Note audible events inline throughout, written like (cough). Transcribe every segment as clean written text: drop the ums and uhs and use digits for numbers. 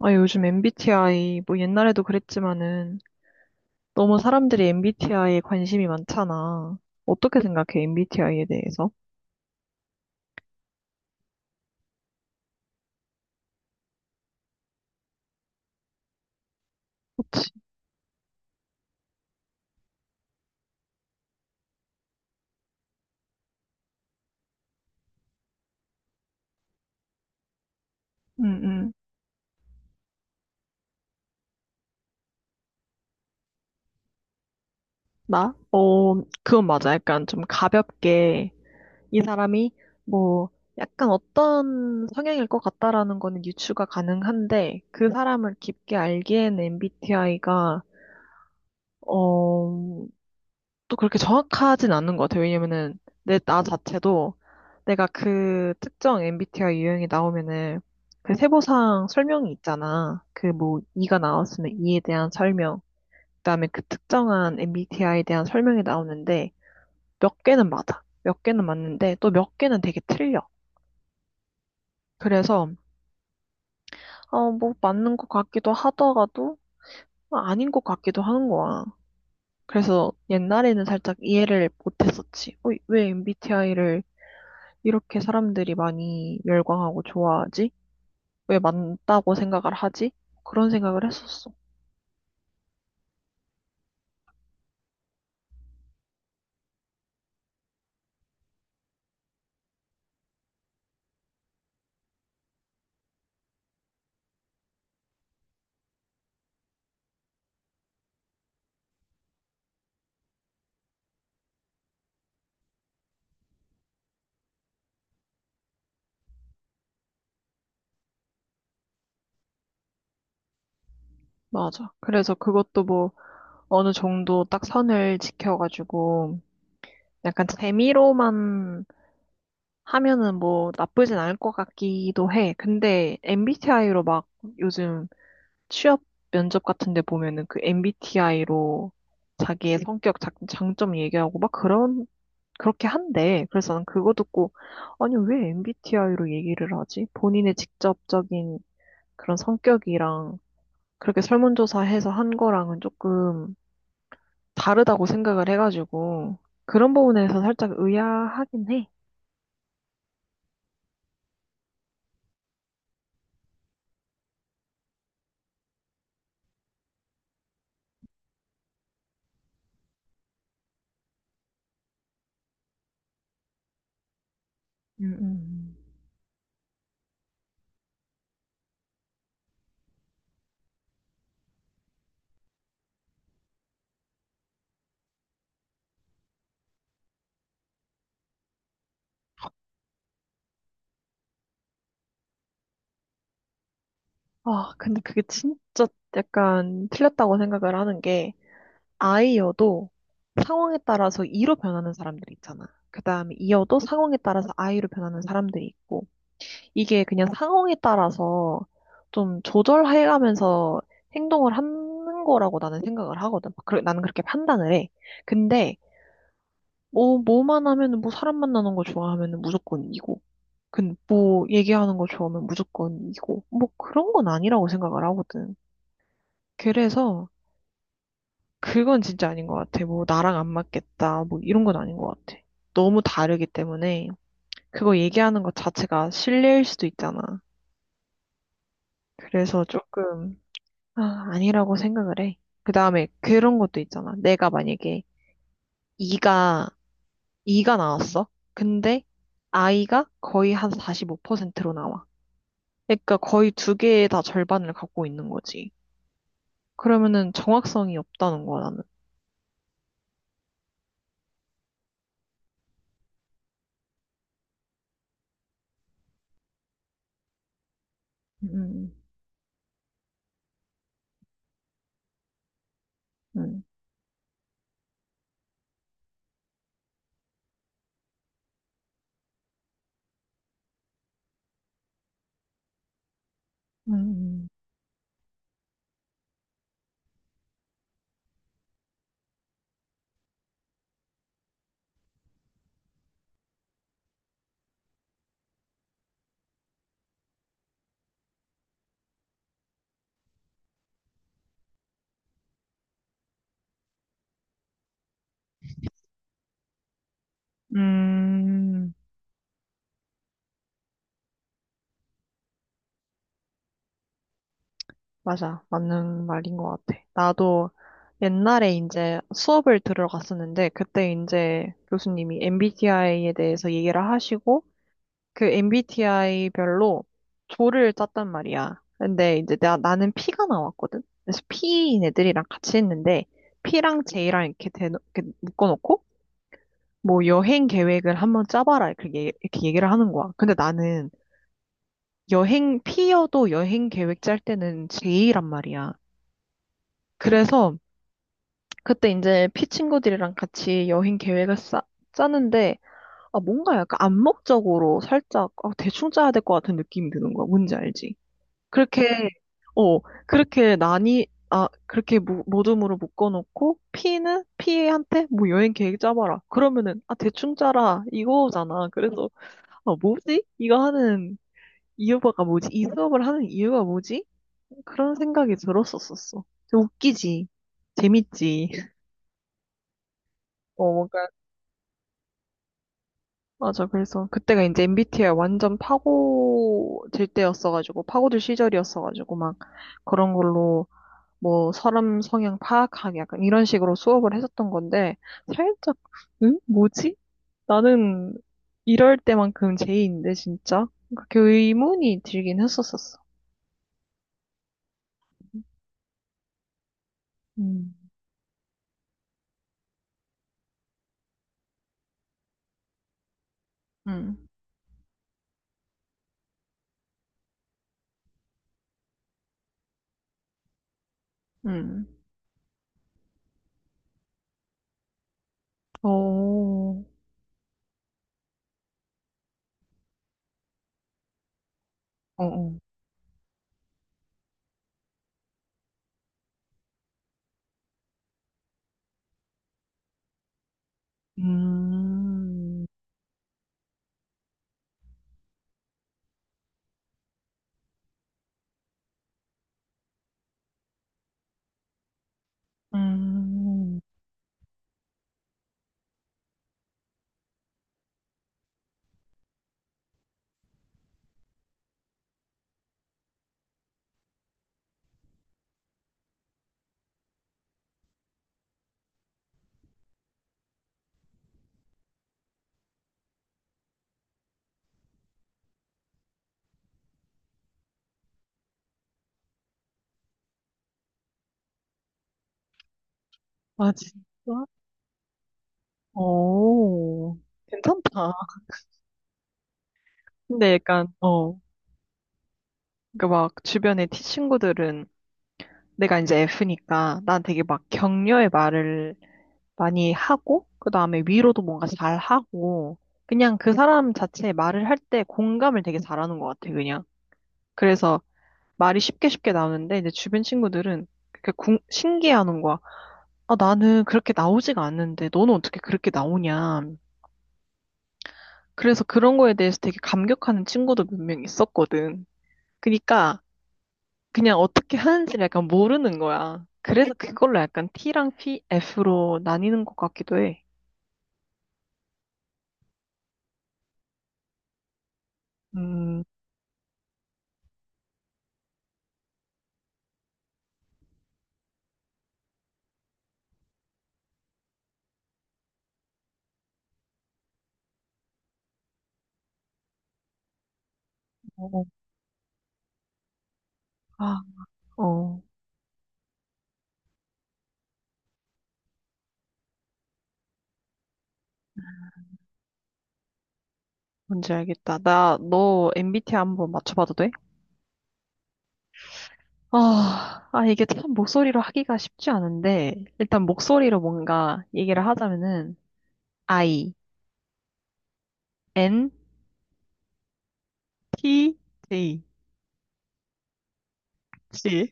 아, 요즘 MBTI, 뭐 옛날에도 그랬지만은 너무 사람들이 MBTI에 관심이 많잖아. 어떻게 생각해, MBTI에 대해서? 응, 응. 나? 그건 맞아. 약간 좀 가볍게 이 사람이 뭐 약간 어떤 성향일 것 같다라는 거는 유추가 가능한데 그 사람을 깊게 알기에는 MBTI가 또 그렇게 정확하진 않는 것 같아요. 왜냐면은 내 나 자체도 내가 그 특정 MBTI 유형이 나오면은 그 세부상 설명이 있잖아. 그 뭐 E가 나왔으면 E에 대한 설명, 그다음에 그 특정한 MBTI에 대한 설명이 나오는데 몇 개는 맞아. 몇 개는 맞는데 또 몇 개는 되게 틀려. 그래서 뭐 맞는 것 같기도 하다가도 아닌 것 같기도 하는 거야. 그래서 옛날에는 살짝 이해를 못했었지. 왜 MBTI를 이렇게 사람들이 많이 열광하고 좋아하지? 왜 많다고 생각을 하지? 그런 생각을 했었어. 맞아. 그래서 그것도 뭐 어느 정도 딱 선을 지켜가지고 약간 재미로만 하면은 뭐 나쁘진 않을 것 같기도 해. 근데 MBTI로 막 요즘 취업 면접 같은 데 보면은 그 MBTI로 자기의 성격 장점 얘기하고 막 그런 그렇게 한대. 그래서 난 그거 듣고, 아니, 왜 MBTI로 얘기를 하지? 본인의 직접적인 그런 성격이랑 그렇게 설문조사해서 한 거랑은 조금 다르다고 생각을 해가지고, 그런 부분에서 살짝 의아하긴 해. 음, 음. 아, 근데 그게 진짜 약간 틀렸다고 생각을 하는 게, 아이여도 상황에 따라서 이로 변하는 사람들이 있잖아. 그 다음에 이여도 상황에 따라서 아이로 변하는 사람들이 있고, 이게 그냥 상황에 따라서 좀 조절해가면서 행동을 하는 거라고 나는 생각을 하거든. 그 나는 그렇게 판단을 해. 근데 뭐만 하면은 뭐 사람 만나는 거 좋아하면은 무조건 이고, 근뭐 얘기하는 거 좋아하면 무조건 이고, 뭐 그런 건 아니라고 생각을 하거든. 그래서 그건 진짜 아닌 것 같아. 뭐 나랑 안 맞겠다, 뭐 이런 건 아닌 것 같아. 너무 다르기 때문에 그거 얘기하는 것 자체가 신뢰일 수도 있잖아. 그래서 조금 아니라고 생각을 해. 그 다음에 그런 것도 있잖아. 내가 만약에 이가, 이가 나왔어. 근데 아이가 거의 한 45%로 나와. 그러니까 거의 두 개의 다 절반을 갖고 있는 거지. 그러면은 정확성이 없다는 거야, 나는. 음, 음, 음, 음, 음, 음. 음, 맞아. 맞는 말인 것 같아. 나도 옛날에 이제 수업을 들으러 갔었는데, 그때 이제 교수님이 MBTI에 대해서 얘기를 하시고, 그 MBTI별로 조를 짰단 말이야. 근데 이제 나는 P가 나왔거든? 그래서 P인 애들이랑 같이 했는데, P랑 J랑 이렇게, 이렇게 묶어놓고, 뭐 여행 계획을 한번 짜봐라. 이렇게, 이렇게 얘기를 하는 거야. 근데 나는 P여도 여행 계획 짤 때는 J란 말이야. 그래서 그때 이제 P 친구들이랑 같이 여행 계획을 짜는데, 아, 뭔가 약간 암묵적으로 살짝, 대충 짜야 될 것 같은 느낌이 드는 거야. 뭔지 알지? 그렇게, 어, 그렇게 나니, 그렇게 모둠으로 묶어놓고, P는 P한테 뭐 여행 계획 짜봐라. 그러면은, 대충 짜라. 이거잖아. 그래서, 아, 뭐지? 이거 하는 이유가 뭐지? 이 수업을 하는 이유가 뭐지? 그런 생각이 들었었었어. 웃기지. 재밌지. 어, 뭔가. 맞아. 그래서 그때가 이제 MBTI 완전 파고들 때였어가지고, 파고들 시절이었어가지고, 막 그런 걸로 뭐 사람 성향 파악하기 약간 이런 식으로 수업을 했었던 건데 살짝 응? 뭐지? 나는 이럴 때만큼 J인데 진짜? 그렇게 의문이 들긴 했었었어. 음. 응. 응. 어. 어, 어. 음. 음. 아 진짜? 어. 괜찮다. 근데 약간 어. 그막 주변의 친구들은 내가 이제 F니까 난 되게 막 격려의 말을 많이 하고, 그 다음에 위로도 뭔가 잘 하고, 그냥 그 사람 자체에 말을 할 때 공감을 되게 잘하는 것 같아, 그냥. 그래서 말이 쉽게 쉽게 나오는데, 이제 주변 친구들은 그렇게 신기해하는 거야. 아, 나는 그렇게 나오지가 않는데, 너는 어떻게 그렇게 나오냐. 그래서 그런 거에 대해서 되게 감격하는 친구도 몇 명 있었거든. 그러니까 그냥 어떻게 하는지를 약간 모르는 거야. 그래서 그걸로 약간 T랑 P, F로 나뉘는 것 같기도 해. 음, 어, 아, 어. 뭔지 알겠다. 너 MBTI 한번 맞춰봐도 돼? 아, 이게 참 목소리로 하기가 쉽지 않은데, 일단 목소리로 뭔가 얘기를 하자면은, INTJG.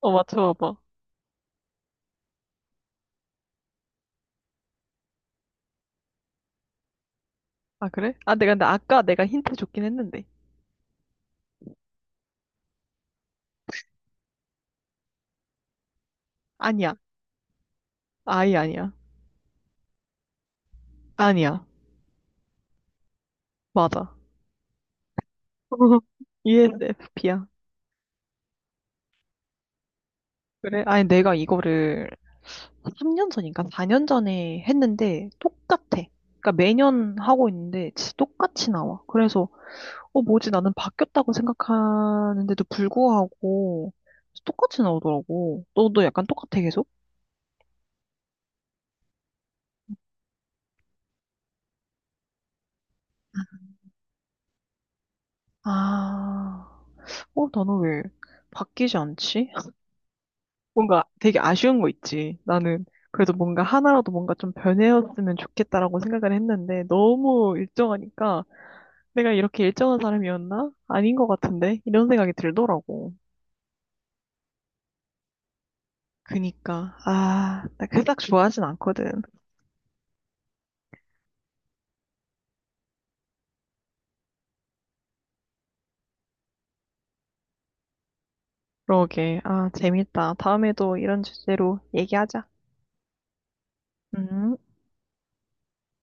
어, 맞춰봐봐. 아, 그래? 아, 내가 근데 아까 내가 힌트 줬긴 했는데. 아니야. I 아니야. 아니야. 맞아. (laughs) ENFP야. 그래? 아니, 내가 이거를 3년 전인가 4년 전에 했는데 똑같아. 그러니까 매년 하고 있는데 똑같이 나와. 그래서 뭐지, 나는 바뀌었다고 생각하는데도 불구하고 똑같이 나오더라고. 너도 약간 똑같아 계속? 아, 나는 왜 바뀌지 않지? (laughs) 뭔가 되게 아쉬운 거 있지. 나는 그래도 뭔가 하나라도 뭔가 좀 변해였으면 좋겠다라고 생각을 했는데 너무 일정하니까 내가 이렇게 일정한 사람이었나? 아닌 것 같은데? 이런 생각이 들더라고. 그니까 아, 나 그닥 좋아하진 않거든. 그러게. 아, 재밌다. 다음에도 이런 주제로 얘기하자. 음.